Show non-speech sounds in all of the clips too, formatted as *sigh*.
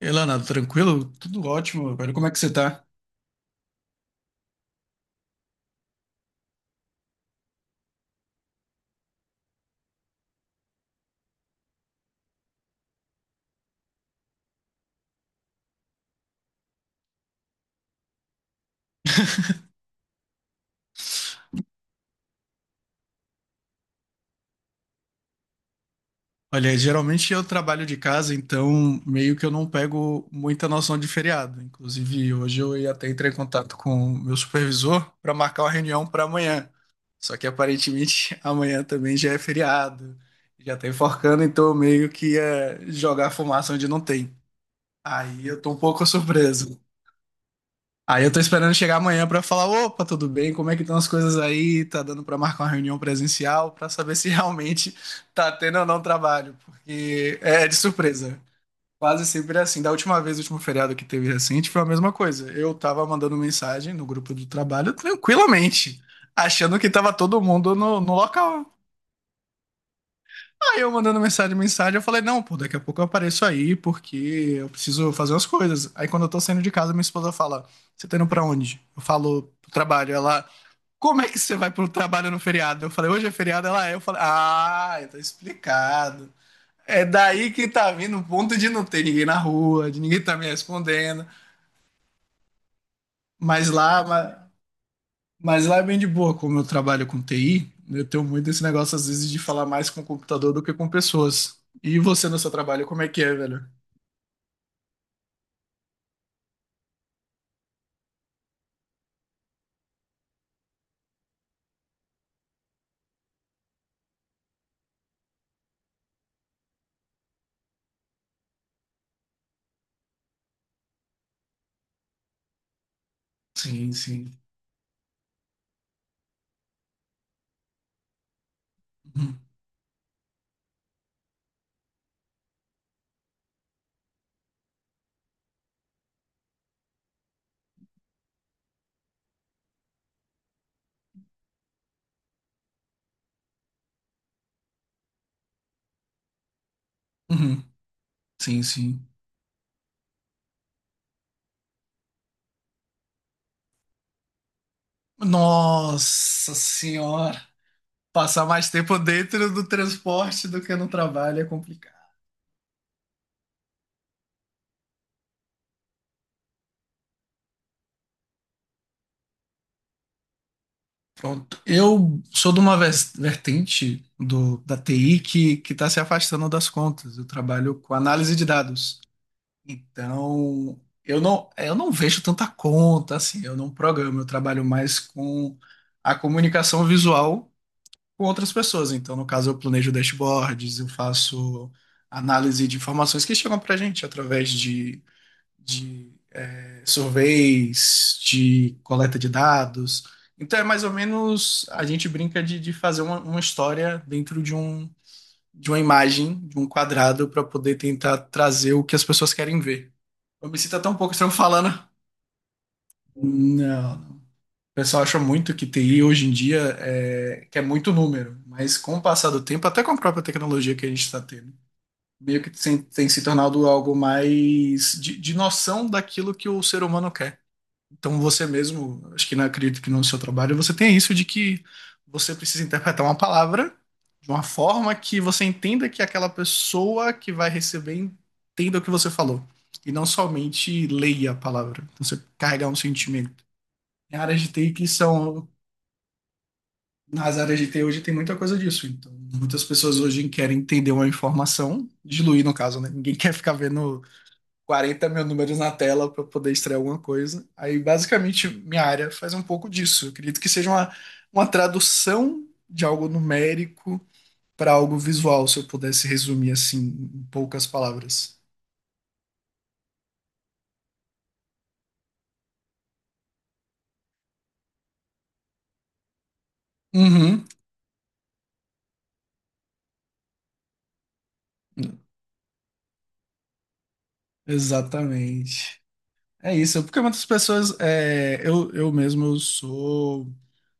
E lá, nada, tranquilo? Tudo ótimo, velho. Como é que você tá? *laughs* Olha, geralmente eu trabalho de casa, então meio que eu não pego muita noção de feriado. Inclusive, hoje eu ia até entrar em contato com o meu supervisor para marcar uma reunião para amanhã. Só que aparentemente *laughs* amanhã também já é feriado, já tá enforcando, então eu meio que ia jogar fumaça onde não tem. Aí eu tô um pouco surpreso. Aí eu tô esperando chegar amanhã pra falar, opa, tudo bem? Como é que estão as coisas aí? Tá dando pra marcar uma reunião presencial pra saber se realmente tá tendo ou não trabalho, porque é de surpresa. Quase sempre é assim. Da última vez, o último feriado que teve recente, foi a mesma coisa. Eu tava mandando mensagem no grupo do trabalho tranquilamente, achando que tava todo mundo no local. Aí eu mandando mensagem, mensagem, eu falei, não, pô, daqui a pouco eu apareço aí, porque eu preciso fazer umas coisas. Aí quando eu tô saindo de casa, minha esposa fala, você tá indo pra onde? Eu falo, pro trabalho. Ela, como é que você vai pro trabalho no feriado? Eu falei, hoje é feriado, ela é. Eu falei, ah, tá explicado. É daí que tá vindo o ponto de não ter ninguém na rua, de ninguém tá me respondendo. Mas lá, mas, mas lá é bem de boa, como eu trabalho com TI, eu tenho muito esse negócio, às vezes, de falar mais com o computador do que com pessoas. E você no seu trabalho, como é que é, velho? Sim, sim. Uhum. Uhum. Sim, sim. Nossa senhora. Passar mais tempo dentro do transporte do que no trabalho é complicado. Pronto. Eu sou de uma vertente da TI que está se afastando das contas. Eu trabalho com análise de dados. Então, eu não vejo tanta conta, assim, eu não programo, eu trabalho mais com a comunicação visual com outras pessoas. Então, no caso, eu planejo dashboards, eu faço análise de informações que chegam para a gente através de surveys, de coleta de dados. Então, é mais ou menos a gente brinca de fazer uma história dentro de uma imagem, de um quadrado, para poder tentar trazer o que as pessoas querem ver. Eu me sinto até um pouco estranho falando. Não. O pessoal acha muito que TI hoje em dia é, que é muito número, mas com o passar do tempo, até com a própria tecnologia que a gente está tendo, meio que tem se tornado algo mais de noção daquilo que o ser humano quer. Então você mesmo, acho que não acredito que no seu trabalho você tem isso de que você precisa interpretar uma palavra de uma forma que você entenda que aquela pessoa que vai receber entenda o que você falou. E não somente leia a palavra. Então você carregar um sentimento. Em áreas de TI que são Nas áreas de TI hoje tem muita coisa disso. Então, muitas pessoas hoje querem entender uma informação, diluir no caso, né? Ninguém *laughs* quer ficar vendo 40 mil números na tela para poder extrair alguma coisa. Aí, basicamente, minha área faz um pouco disso. Eu acredito que seja uma tradução de algo numérico para algo visual, se eu pudesse resumir assim, em poucas palavras. Uhum, exatamente. É isso, porque muitas pessoas, eu mesmo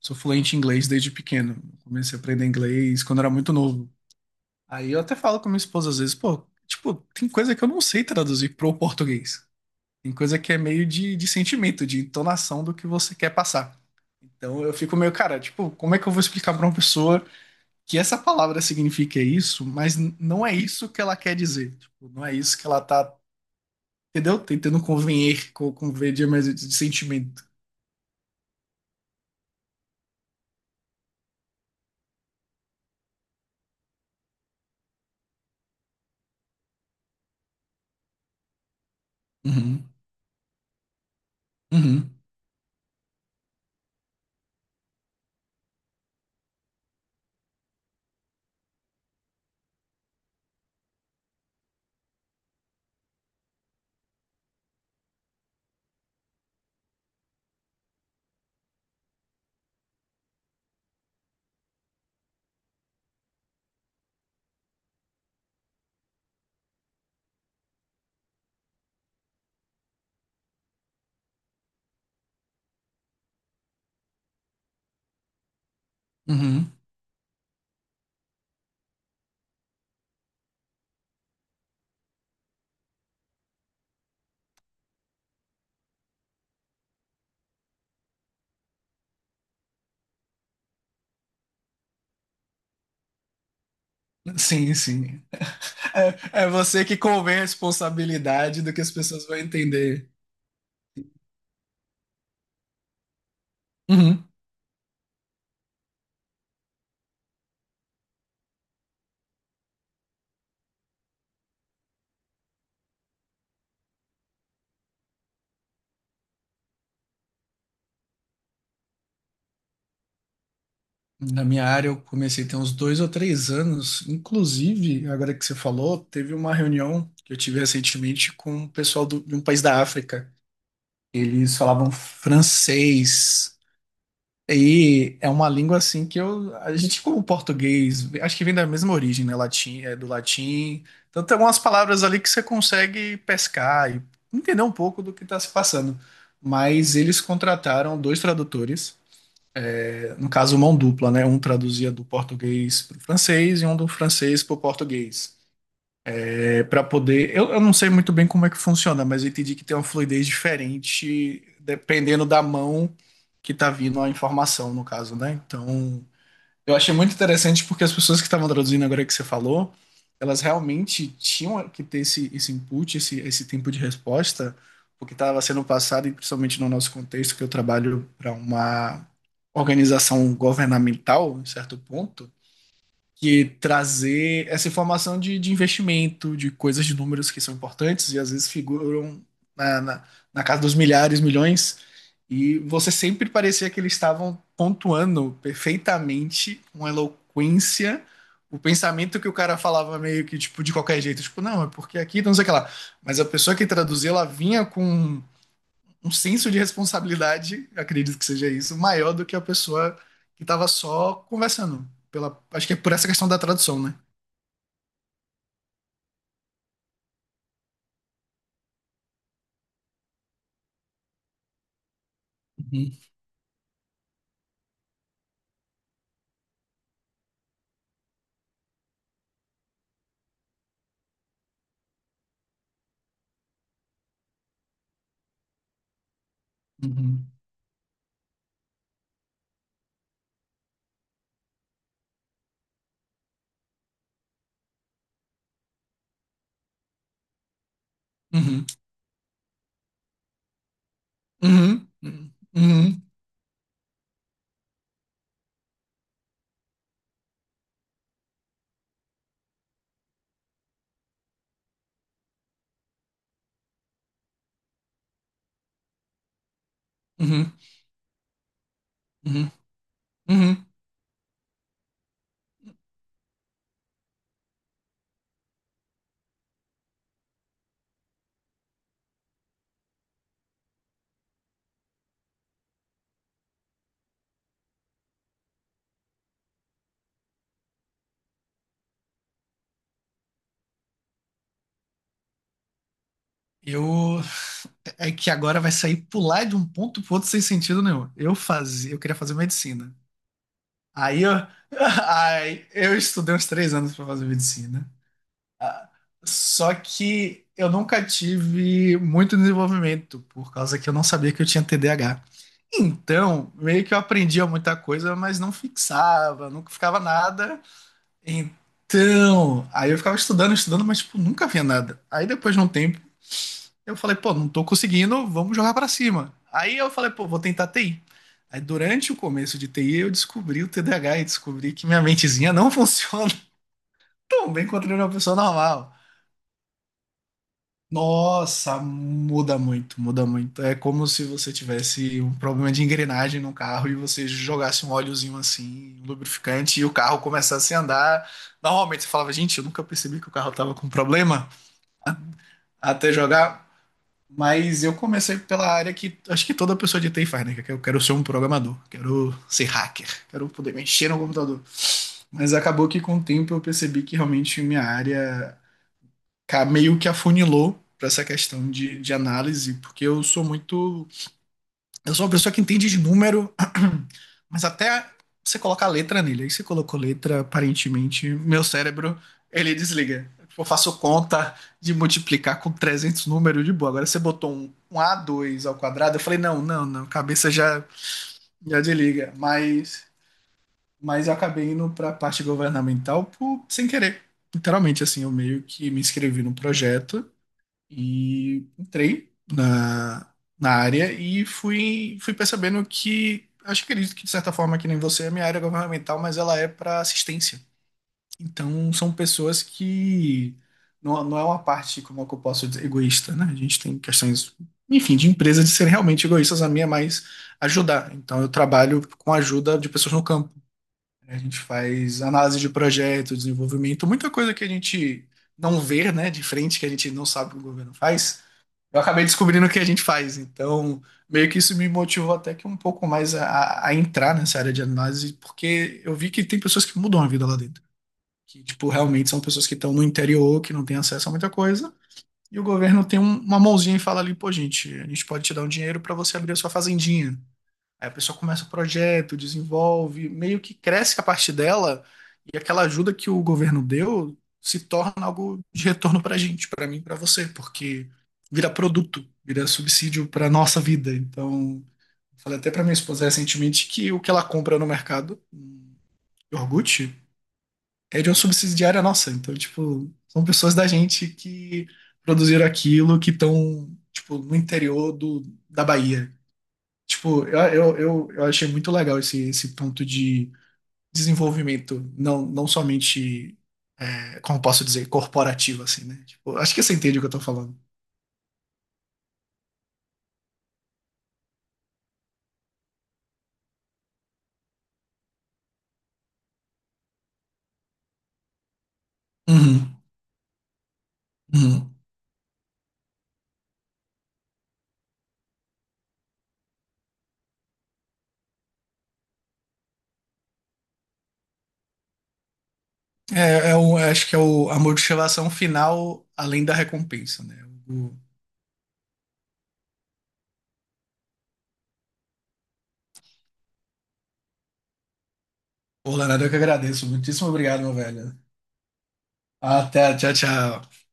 sou fluente em inglês desde pequeno. Comecei a aprender inglês quando era muito novo. Aí eu até falo com minha esposa às vezes, pô, tipo, tem coisa que eu não sei traduzir pro português. Tem coisa que é meio de sentimento, de entonação do que você quer passar. Então eu fico meio, cara, tipo, como é que eu vou explicar pra uma pessoa que essa palavra significa isso, mas não é isso que ela quer dizer. Tipo, não é isso que ela tá, entendeu? Tentando convenher, convencer, mas de sentimento. Uhum, uhum, uhum. Sim, sim. É você que convém a responsabilidade do que as pessoas vão entender. Uhum. Na minha área, eu comecei tem uns dois ou três anos. Inclusive, agora que você falou, teve uma reunião que eu tive recentemente com o pessoal de um país da África. Eles falavam francês. E é uma língua assim que eu, a gente como português, acho que vem da mesma origem, né? Latim, é do latim. Então tem algumas palavras ali que você consegue pescar e entender um pouco do que está se passando. Mas eles contrataram dois tradutores, é, no caso mão dupla, né? Um traduzia do português para o francês e um do francês para o português, é, para poder. Eu não sei muito bem como é que funciona, mas eu entendi que tem uma fluidez diferente dependendo da mão que está vindo a informação, no caso, né? Então eu achei muito interessante porque as pessoas que estavam traduzindo agora que você falou, elas realmente tinham que ter esse tempo de resposta, porque estava sendo passado, e principalmente no nosso contexto, que eu trabalho para uma organização governamental, em certo ponto, que trazer essa informação de investimento, de coisas de números que são importantes e às vezes figuram na, na, na casa dos milhares, milhões, e você sempre parecia que eles estavam pontuando perfeitamente com eloquência o pensamento que o cara falava meio que tipo de qualquer jeito, tipo, não, é porque aqui, não sei o que lá. Mas a pessoa que traduzia, ela vinha com um senso de responsabilidade, acredito que seja isso, maior do que a pessoa que estava só conversando. Pela, acho que é por essa questão da tradução, né? Uhum, uhum, uhum, uhum, uhum, uhum, uhum, uhum. Uhum. Eu é que agora vai sair pular de um ponto pro outro sem sentido nenhum. Eu fazia, eu queria fazer medicina. Aí eu, *laughs* aí eu estudei uns três anos para fazer medicina. Ah. Só que eu nunca tive muito desenvolvimento, por causa que eu não sabia que eu tinha TDAH. Então, meio que eu aprendia muita coisa, mas não fixava, nunca ficava nada. Então, aí eu ficava estudando, estudando, mas tipo, nunca via nada. Aí depois de um tempo, eu falei, pô, não tô conseguindo, vamos jogar pra cima. Aí eu falei, pô, vou tentar TI. Aí durante o começo de TI, eu descobri o TDAH e descobri que minha mentezinha não *laughs* funciona tão bem quanto de uma pessoa normal. Nossa, muda muito, muda muito. É como se você tivesse um problema de engrenagem no carro e você jogasse um óleozinho assim, um lubrificante, e o carro começasse a andar. Normalmente você falava, gente, eu nunca percebi que o carro tava com problema até jogar. Mas eu comecei pela área que acho que toda pessoa de TI faz, né? Que eu quero ser um programador, quero ser hacker, quero poder mexer no computador. Mas acabou que com o tempo eu percebi que realmente minha área meio que afunilou para essa questão de análise, porque eu sou muito. Eu sou uma pessoa que entende de número, mas até você colocar letra nele. Aí você colocou letra, aparentemente, meu cérebro, ele desliga. Eu faço conta de multiplicar com 300 números de boa. Agora você botou um a dois ao quadrado, eu falei, não, não, não, cabeça já, já desliga. Mas eu acabei indo para a parte governamental sem querer. Literalmente, assim, eu meio que me inscrevi num projeto. E entrei na área e fui percebendo que, acho que acredito que de certa forma, que nem você, a minha área é governamental, mas ela é para assistência. Então, são pessoas que não, não é uma parte, como é que eu posso dizer, egoísta, né? A gente tem questões, enfim, de empresas de serem realmente egoístas, a minha é mais ajudar. Então, eu trabalho com a ajuda de pessoas no campo. A gente faz análise de projeto, desenvolvimento, muita coisa que a gente não vê, né, de frente, que a gente não sabe que o governo faz. Eu acabei descobrindo o que a gente faz. Então, meio que isso me motivou até que um pouco mais a entrar nessa área de análise, porque eu vi que tem pessoas que mudam a vida lá dentro. Que, tipo, realmente são pessoas que estão no interior, que não têm acesso a muita coisa. E o governo tem uma mãozinha e fala ali, pô, gente, a gente pode te dar um dinheiro para você abrir a sua fazendinha. Aí a pessoa começa o projeto, desenvolve, meio que cresce a parte dela e aquela ajuda que o governo deu se torna algo de retorno para a gente, para mim, para você, porque vira produto, vira subsídio para nossa vida. Então, falei até para minha esposa recentemente que o que ela compra no mercado, iogurte, é de uma subsidiária nossa. Então, tipo, são pessoas da gente que produziram aquilo, que estão, tipo, no interior da Bahia. Tipo, eu achei muito legal esse ponto de desenvolvimento, não, não somente, é, como posso dizer, corporativo, assim, né? Tipo, acho que você entende o que eu tô falando. Uhum, uhum. É, um, é o, acho que é o, a motivação final além da recompensa, né? O, o Leonardo, eu que agradeço. Muitíssimo obrigado, meu velho. Até, tchau, tchau.